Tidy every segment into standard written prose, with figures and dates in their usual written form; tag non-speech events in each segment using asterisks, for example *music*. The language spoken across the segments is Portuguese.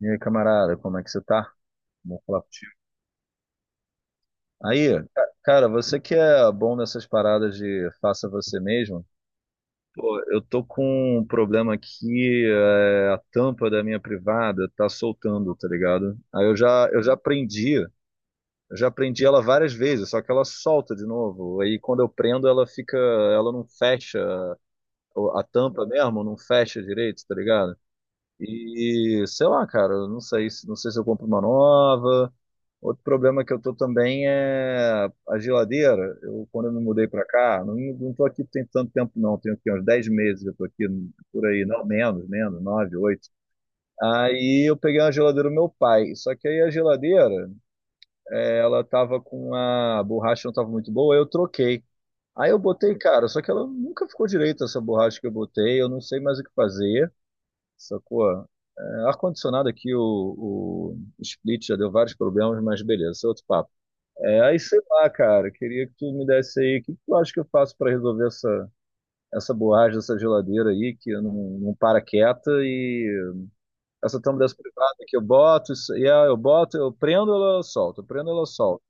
E aí, camarada, como é que você tá? Vou falar contigo. Aí, cara, você que é bom nessas paradas de faça você mesmo, eu tô com um problema aqui, a tampa da minha privada tá soltando, tá ligado? Eu já prendi ela várias vezes, só que ela solta de novo. Aí quando eu prendo, ela não fecha, a tampa mesmo não fecha direito, tá ligado? E sei lá, cara, eu não sei, se- não sei se eu compro uma nova. Outro problema que eu tô também é a geladeira. Eu, quando eu me mudei para cá, não tô aqui tem tanto tempo não, tenho aqui uns 10 meses eu tô aqui por aí, não, menos, menos, 9, 8. Aí eu peguei uma geladeira do meu pai, só que aí a geladeira, ela tava com a borracha não tava muito boa, aí eu troquei. Aí eu botei, cara, só que ela nunca ficou direita essa borracha que eu botei, eu não sei mais o que fazer. Sacou? Ar-condicionado aqui, o split já deu vários problemas, mas beleza, isso é outro papo. É, aí sei lá, cara, queria que tu me desse aí, o que que tu acha que eu faço para resolver essa, essa borracha dessa geladeira aí, que eu não para quieta, e essa tampa dessa privada que eu boto, eu boto, eu prendo, ela solta, eu prendo, ela solta.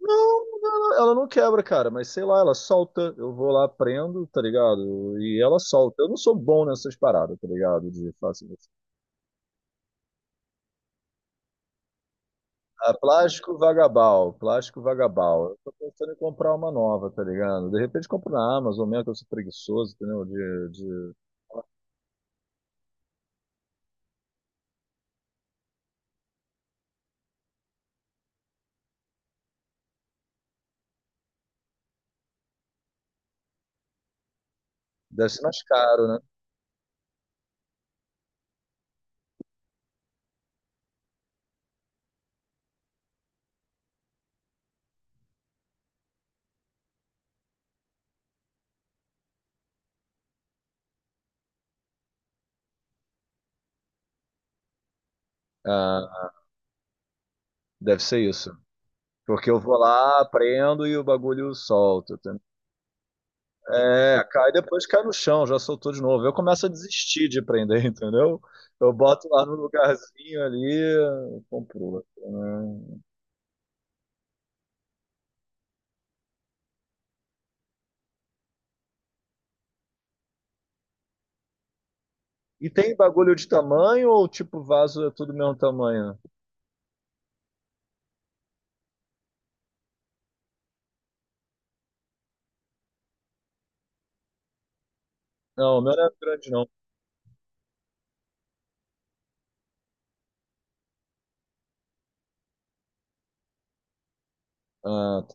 Não, ela não quebra, cara, mas sei lá, ela solta, eu vou lá, prendo, tá ligado? E ela solta. Eu não sou bom nessas paradas, tá ligado? De fazer. Ah, plástico vagabal, plástico vagabal. Eu tô pensando em comprar uma nova, tá ligado? De repente compro na Amazon mesmo, que eu sou preguiçoso, entendeu? Deve ser mais caro, né? Ah, deve ser isso. Porque eu vou lá, prendo e o bagulho solta, entendeu? É, cai no chão, já soltou de novo. Eu começo a desistir de prender, *laughs* entendeu? Eu boto lá no lugarzinho ali, compro outro, né? E tem bagulho de tamanho ou tipo vaso é tudo mesmo tamanho? Não, o meu não é grande, não. Ah,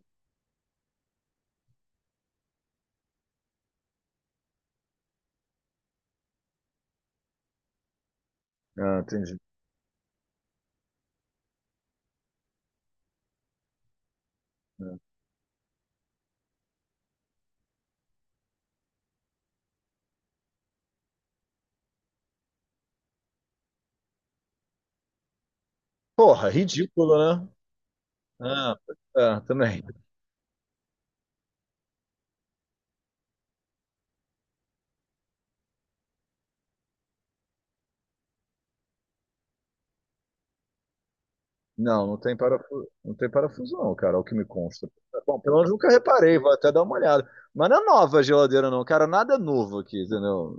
ah, entendi. É. Porra, ridículo, né? Ah, é, também. Não, não tem parafuso, não tem parafuso não, cara, é o que me consta. Bom, pelo menos nunca reparei, vou até dar uma olhada. Mas não é nova a geladeira não, cara, nada é novo aqui, entendeu?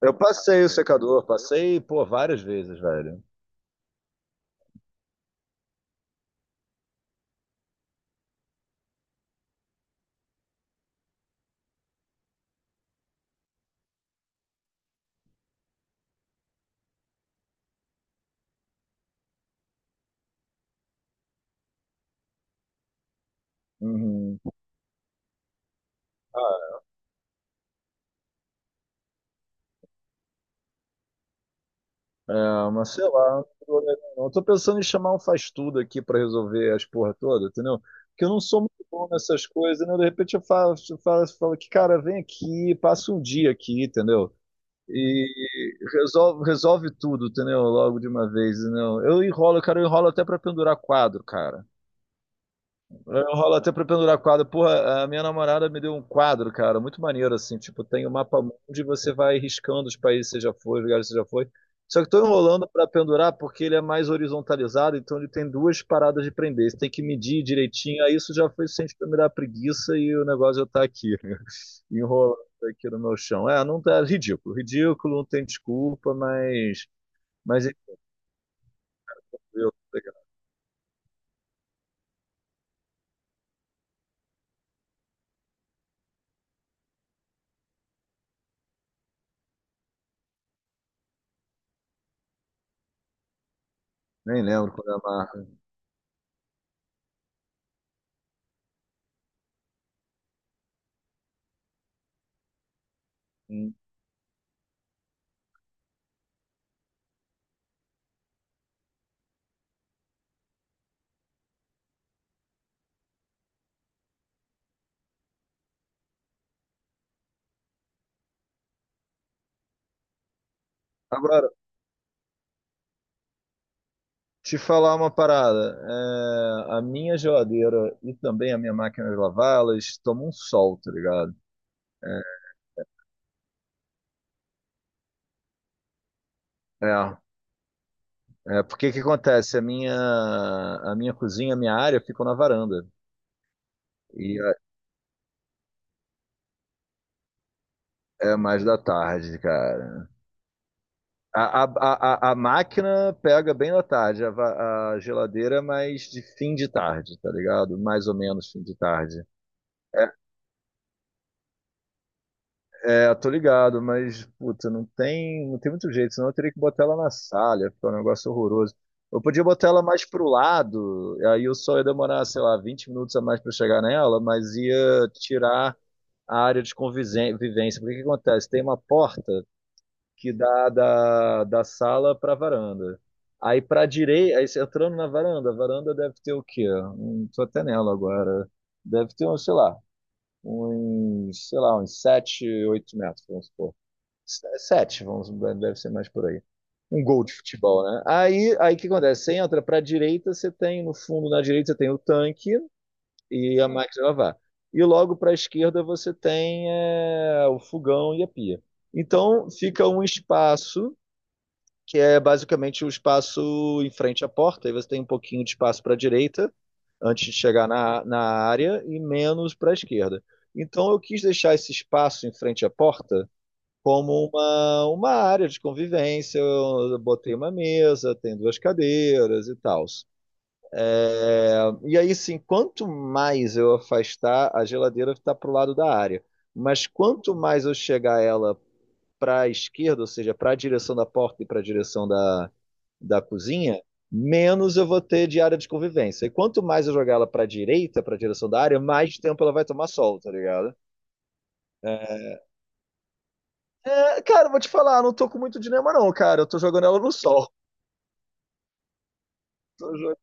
Eu passei o secador, passei, pô, várias vezes, velho. Uhum. É, mas sei lá, eu tô pensando em chamar um faz-tudo aqui pra resolver as porra toda, entendeu? Porque eu não sou muito bom nessas coisas, né? De repente eu falo que, cara, vem aqui, passa um dia aqui, entendeu? E resolve, resolve tudo, entendeu? Logo de uma vez, entendeu? Eu enrolo, cara, eu enrolo até pra pendurar quadro, cara. Eu rolo até pra pendurar quadro. Porra, a minha namorada me deu um quadro, cara, muito maneiro, assim. Tipo, tem o mapa mundo e você vai riscando os países que você já foi, os lugares que você já foi. Só que tô enrolando pra pendurar porque ele é mais horizontalizado, então ele tem duas paradas de prender. Você tem que medir direitinho. Aí isso já foi suficiente pra me dar preguiça e o negócio já tá aqui, *laughs* enrolando aqui no meu chão. Não tá, é ridículo. Ridículo, não tem desculpa, mas. Mas é legal. Nem lembro quando é a marca. Hum. Agora, te falar uma parada, é, a minha geladeira e também a minha máquina de lavar, elas tomam um sol, tá ligado? É, é porque que acontece? A minha cozinha, a minha área ficam na varanda. E é é mais da tarde, cara. A máquina pega bem da tarde, a geladeira é mais de fim de tarde, tá ligado? Mais ou menos fim de tarde. É, tô ligado, mas, puta, não tem muito jeito, senão eu teria que botar ela na sala, ia ficar um negócio horroroso. Eu podia botar ela mais pro lado, aí eu só ia demorar, sei lá, 20 minutos a mais pra chegar nela, mas ia tirar a área de convivência. Porque o que acontece? Tem uma porta que dá da sala pra varanda. Aí pra direita, aí você entrando na varanda, a varanda deve ter o quê? Tô até nela agora. Deve ter, um, sei lá, uns 7, 8 metros, vamos supor. É sete, vamos, deve ser mais por aí. Um gol de futebol, né? Aí o que acontece? Você entra para a direita, você tem no fundo, na direita, você tem o tanque e a máquina de lavar. E logo para a esquerda você tem é, o fogão e a pia. Então fica um espaço, que é basicamente o espaço em frente à porta, aí você tem um pouquinho de espaço para a direita, antes de chegar na área, e menos para a esquerda. Então eu quis deixar esse espaço em frente à porta como uma área de convivência. Eu botei uma mesa, tem duas cadeiras e tal. É, e aí, sim, quanto mais eu afastar, a geladeira está para o lado da área. Mas quanto mais eu chegar ela para a esquerda, ou seja, para a direção da porta e para a direção da cozinha, menos eu vou ter de área de convivência. E quanto mais eu jogar ela para a direita, para a direção da área, mais tempo ela vai tomar sol, tá ligado? É, É, cara, vou te falar, não tô com muito dinema não, cara. Eu tô jogando ela no sol. Tô jo-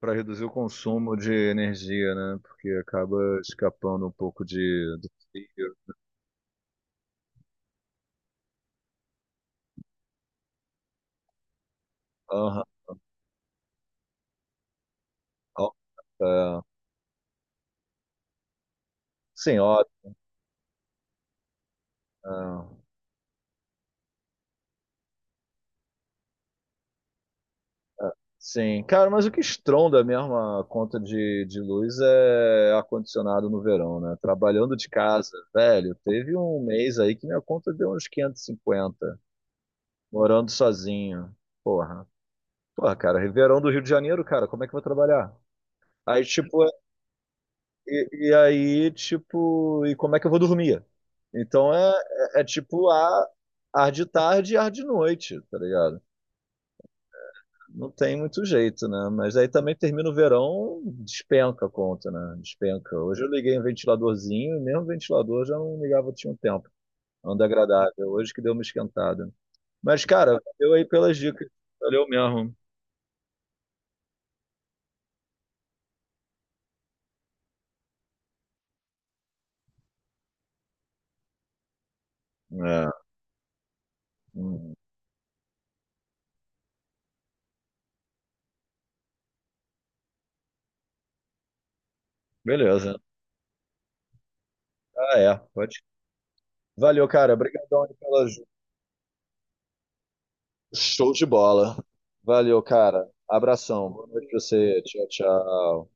Pra reduzir o consumo de energia, né? Porque acaba escapando um pouco de do frio. Aham. Ó, é. Sim, ó, é. Sim, cara, mas o que estronda mesmo a conta de luz é ar-condicionado no verão, né? Trabalhando de casa, velho, teve um mês aí que minha conta deu uns 550 morando sozinho. Porra. Porra, cara, verão do Rio de Janeiro, cara, como é que eu vou trabalhar? Aí, tipo, e aí, tipo, e como é que eu vou dormir? Então é, é tipo ar, ar de tarde e ar de noite, tá ligado? Não tem muito jeito, né? Mas aí também termina o verão, despenca a conta, né? Despenca. Hoje eu liguei um ventiladorzinho, e mesmo o ventilador já não ligava, tinha um tempo. Anda agradável. Hoje que deu uma esquentada. Mas, cara, valeu aí pelas dicas. Valeu mesmo. É. Hum. Beleza. Ah, é. Pode. Valeu, cara. Obrigadão aí pela ajuda. Show de bola. Valeu, cara. Abração. Boa noite pra você. Tchau, tchau.